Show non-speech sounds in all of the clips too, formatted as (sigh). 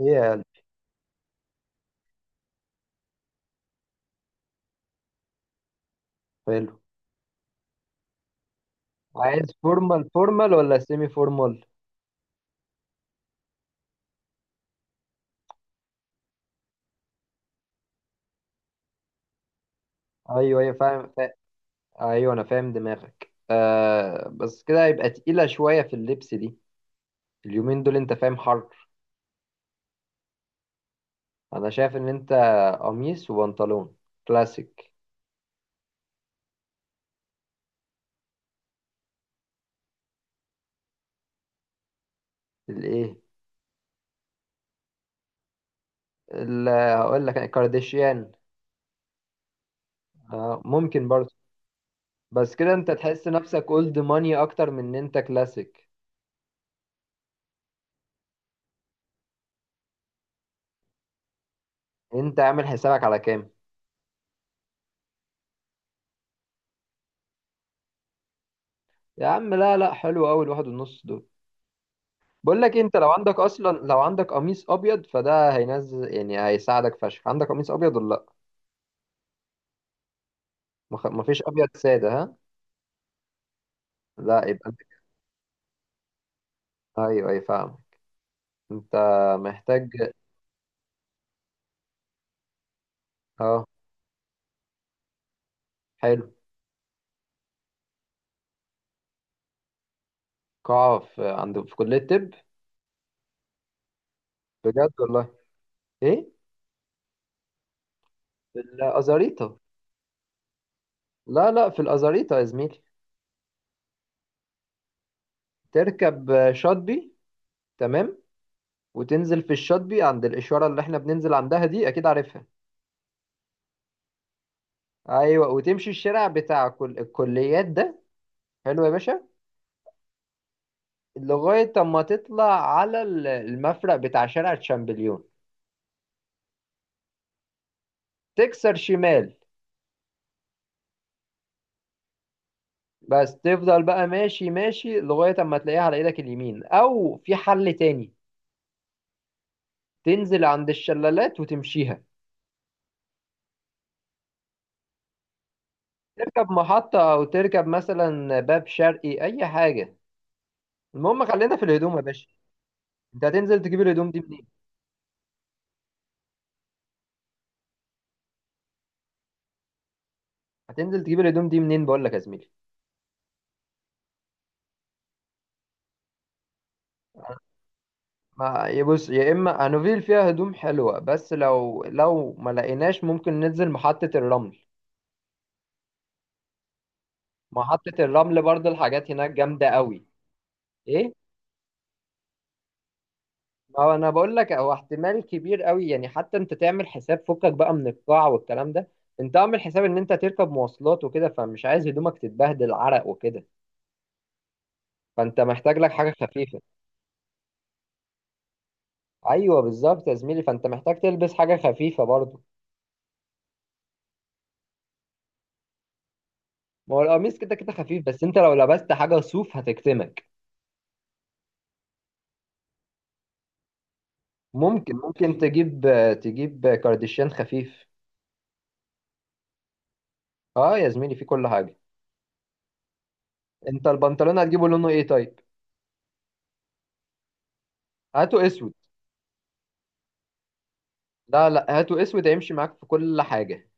ايه يا؟ حلو. عايز فورمال فورمال ولا سيمي فورمال؟ ايوه، ايوه، فاهم. ايوه، انا فاهم دماغك، بس كده هيبقى تقيلة شوية في اللبس دي. اليومين دول انت فاهم، حر. انا شايف ان انت قميص وبنطلون كلاسيك. الايه؟ هقول لك الكارديشيان. آه، ممكن برضه. بس كده انت تحس نفسك اولد ماني اكتر من ان انت كلاسيك. انت عامل حسابك على كام؟ يا عم، لا، لا، حلو قوي الواحد ونص دول. بقول لك إيه، انت لو عندك قميص ابيض فده هينزل يعني هيساعدك فشخ، عندك قميص ابيض ولا لا؟ مفيش ابيض ساده، ها؟ لا، يبقى انت. ايوه، ايوه، فاهم. انت محتاج. اه، حلو. قاعه في كليه الطب. بجد والله. ايه؟ في الازاريطه لا، لا، في الازاريطه يا زميلي. تركب شاطبي. تمام. وتنزل في الشاطبي عند الاشاره اللي احنا بننزل عندها دي، اكيد عارفها. ايوه، وتمشي الشارع بتاع كل الكليات ده. حلو يا باشا. لغاية أما تطلع على المفرق بتاع شارع تشامبليون. تكسر شمال. بس تفضل بقى ماشي ماشي لغاية أما تلاقيها على إيدك اليمين، أو في حل تاني. تنزل عند الشلالات وتمشيها. تركب محطة، أو تركب مثلا باب شرقي، أي حاجة. المهم، خلينا في الهدوم يا باشا. أنت هتنزل تجيب الهدوم دي منين؟ هتنزل تجيب الهدوم دي منين، بقول لك يا زميلي؟ ما يبص، يا إما أنوفيل فيها هدوم حلوة، بس لو ما لقيناش ممكن ننزل محطة الرمل. محطة الرمل برضه الحاجات هناك جامدة قوي. ايه؟ ما هو انا بقول لك، هو احتمال كبير قوي يعني، حتى انت تعمل حساب فكك بقى من القاع والكلام ده. انت اعمل حساب ان انت تركب مواصلات وكده، فمش عايز هدومك تتبهدل عرق وكده. فانت محتاج لك حاجة خفيفة. ايوه، بالظبط يا زميلي، فانت محتاج تلبس حاجة خفيفة برضه. ما هو القميص كده كده خفيف، بس انت لو لبست حاجة صوف هتكتمك. ممكن تجيب كارديشيان خفيف. اه يا زميلي، في كل حاجة. انت البنطلون هتجيبه لونه ايه طيب؟ هاته اسود. لا، لا، هاتوا اسود هيمشي معاك في كل حاجة.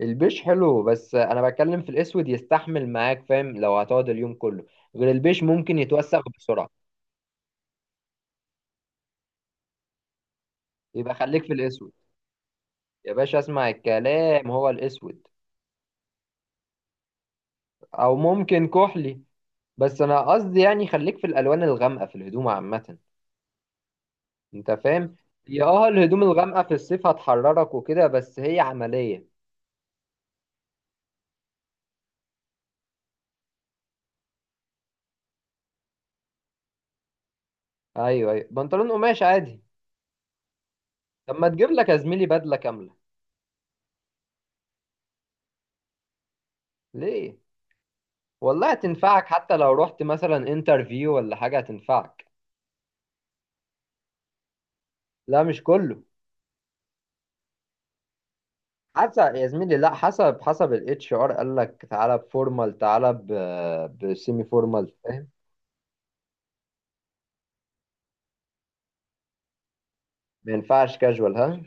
البيش حلو، بس انا بتكلم في الاسود يستحمل معاك، فاهم لو هتقعد اليوم كله. غير البيش ممكن يتوسخ بسرعة. يبقى خليك في الاسود. يا باشا اسمع الكلام، هو الاسود. او ممكن كحلي. بس انا قصدي يعني خليك في الالوان الغامقة في الهدوم عامة. انت فاهم. يا اه الهدوم الغامقة في الصيف هتحررك وكده، بس هي عملية. ايوه، ايوه، بنطلون قماش عادي. طب ما تجيب لك يا زميلي بدلة كاملة؟ ليه؟ والله هتنفعك، حتى لو رحت مثلا انترفيو ولا حاجة هتنفعك. لا، مش كله. حسب يا زميلي، لا، حسب الاتش ار قال لك تعالى بفورمال تعالى بسيمي فورمال، فاهم؟ ما ينفعش كاجوال، ها؟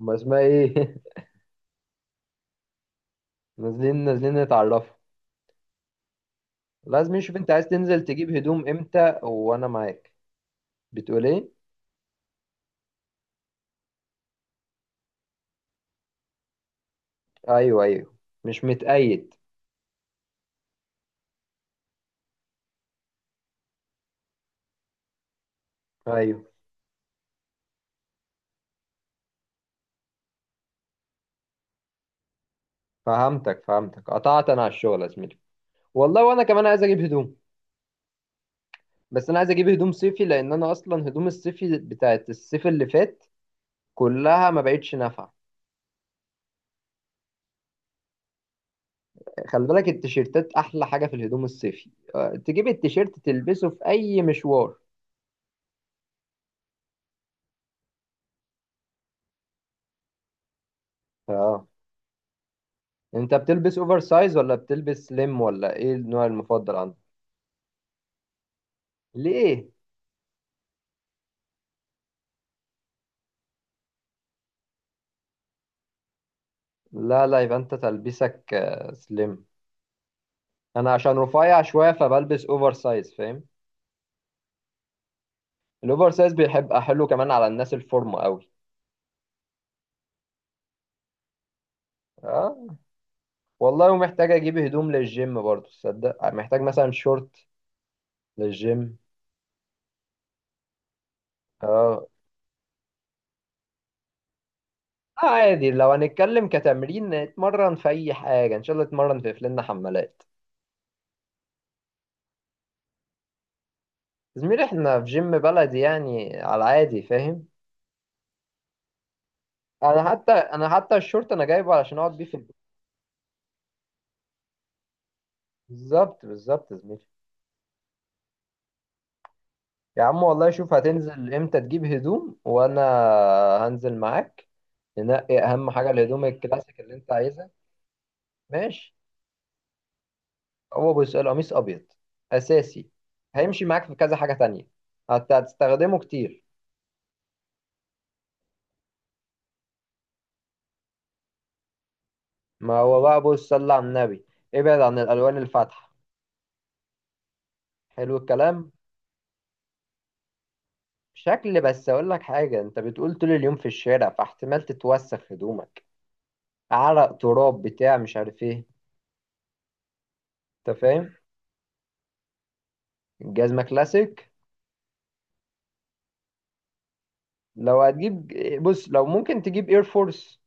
ما اسمها ايه؟ (laughs) نازلين نازلين نتعرفوا. لازم نشوف انت عايز تنزل تجيب هدوم امتى، وانا معاك. بتقول ايه؟ ايوه، ايوه، مش متقيد. ايوه، فهمتك فهمتك، قطعت انا على الشغل يا زميلي. والله وانا كمان عايز اجيب هدوم. بس انا عايز اجيب هدوم صيفي، لان انا اصلا هدوم الصيفي بتاعت الصيف اللي فات كلها ما بقتش نافعه. خلي بالك التيشيرتات احلى حاجه في الهدوم الصيفي، تجيب التيشيرت تلبسه في اي مشوار. اه. انت بتلبس اوفر سايز، ولا بتلبس سليم، ولا ايه النوع المفضل عندك؟ ليه؟ لا، لا، يبقى انت تلبسك سليم. انا عشان رفيع شويه فبلبس اوفر سايز، فاهم. الاوفر سايز بيحب حلو كمان على الناس الفورمه قوي. اه. والله ومحتاج اجيب هدوم للجيم برضو، تصدق محتاج مثلا شورت للجيم. اه، آه. عادي، لو هنتكلم كتمرين اتمرن في اي حاجه، ان شاء الله اتمرن في فلنا حمالات. زميلي احنا في جيم بلدي يعني، على العادي، فاهم. انا حتى الشورت انا جايبه علشان اقعد بيه في البيت. بالظبط بالظبط يا زميلي. يا عم والله شوف، هتنزل امتى تجيب هدوم وانا هنزل معاك. ننقي اهم حاجه الهدوم الكلاسيك اللي انت عايزها. ماشي. هو بص، القميص ابيض اساسي. هيمشي معاك في كذا حاجه تانية. هتستخدمه كتير. ما هو بقى بص، صلى على النبي، ابعد عن الالوان الفاتحه. حلو الكلام. شكل، بس اقول لك حاجه، انت بتقول طول اليوم في الشارع فاحتمال تتوسخ هدومك. عرق، تراب، بتاع مش عارف ايه. انت فاهم. الجزمه كلاسيك. لو هتجيب. بص، لو ممكن تجيب اير فورس،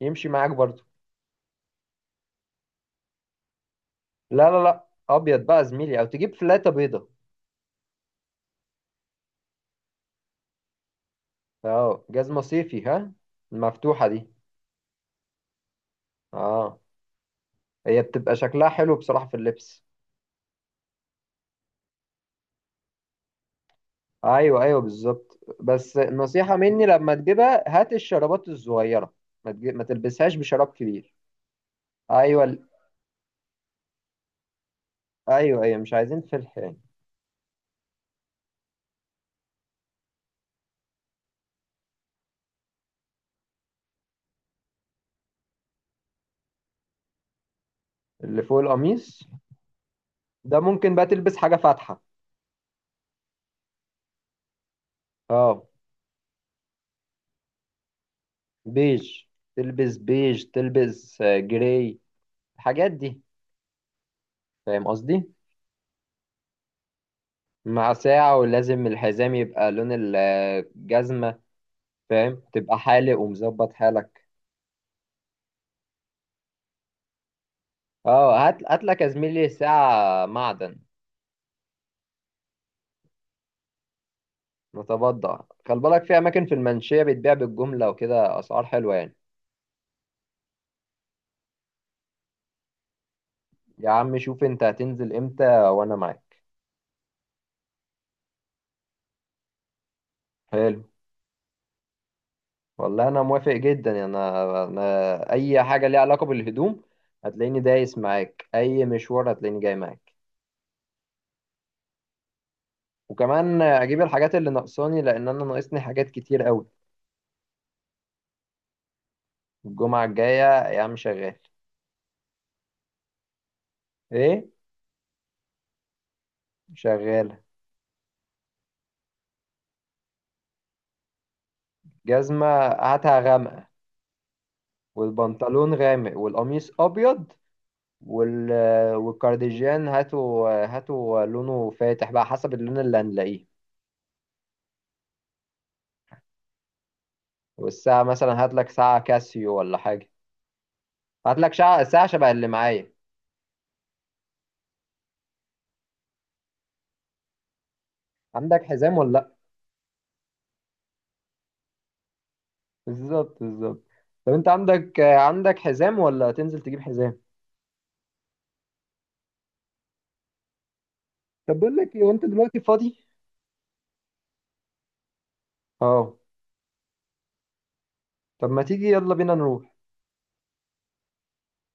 يمشي معاك برضو. لا، لا، لا، ابيض بقى زميلي، او تجيب فلاته بيضه. اه، جزمه صيفي، ها؟ المفتوحه دي؟ اه. هي بتبقى شكلها حلو بصراحة في اللبس. ايوه، ايوه، بالظبط، بس نصيحة مني، لما تجيبها هات الشرابات الصغيرة. ما تلبسهاش بشراب كبير. ايوه. ايوه، ايوه، مش عايزين فلح يعني. اللي فوق القميص ده، ممكن بقى تلبس حاجة فاتحة. اه. بيج، تلبس بيج، تلبس جراي، الحاجات دي. فاهم قصدي؟ مع ساعة، ولازم الحزام يبقى لون الجزمة، فاهم، تبقى حالق ومظبط حالك. اه، هات هات لك يا زميلي ساعة معدن. متبضع. خلي بالك في أماكن في المنشية بتبيع بالجملة وكده، أسعار حلوة يعني. يا عم شوف، أنت هتنزل إمتى وأنا معاك؟ حلو. والله أنا موافق جدا يعني، أنا أي حاجة ليها علاقة بالهدوم. هتلاقيني دايس معاك، أي مشوار هتلاقيني جاي معاك. وكمان أجيب الحاجات اللي ناقصاني، لأن أنا ناقصني حاجات كتير أوي. الجمعة الجاية يا عم شغال. إيه؟ شغالة. جزمة. هاتها غامقة. والبنطلون غامق والقميص ابيض وال... والكارديجان هاتوا هاتوا لونه فاتح، بقى حسب اللون اللي هنلاقيه. والساعة مثلا، هات لك ساعة كاسيو ولا حاجة. هات لك ساعة شبه اللي معايا. عندك حزام ولا لا؟ بالظبط بالظبط. طب انت عندك حزام، ولا تنزل تجيب حزام؟ طب بقول لك ايه، وانت دلوقتي فاضي؟ اه. طب ما تيجي، يلا بينا نروح.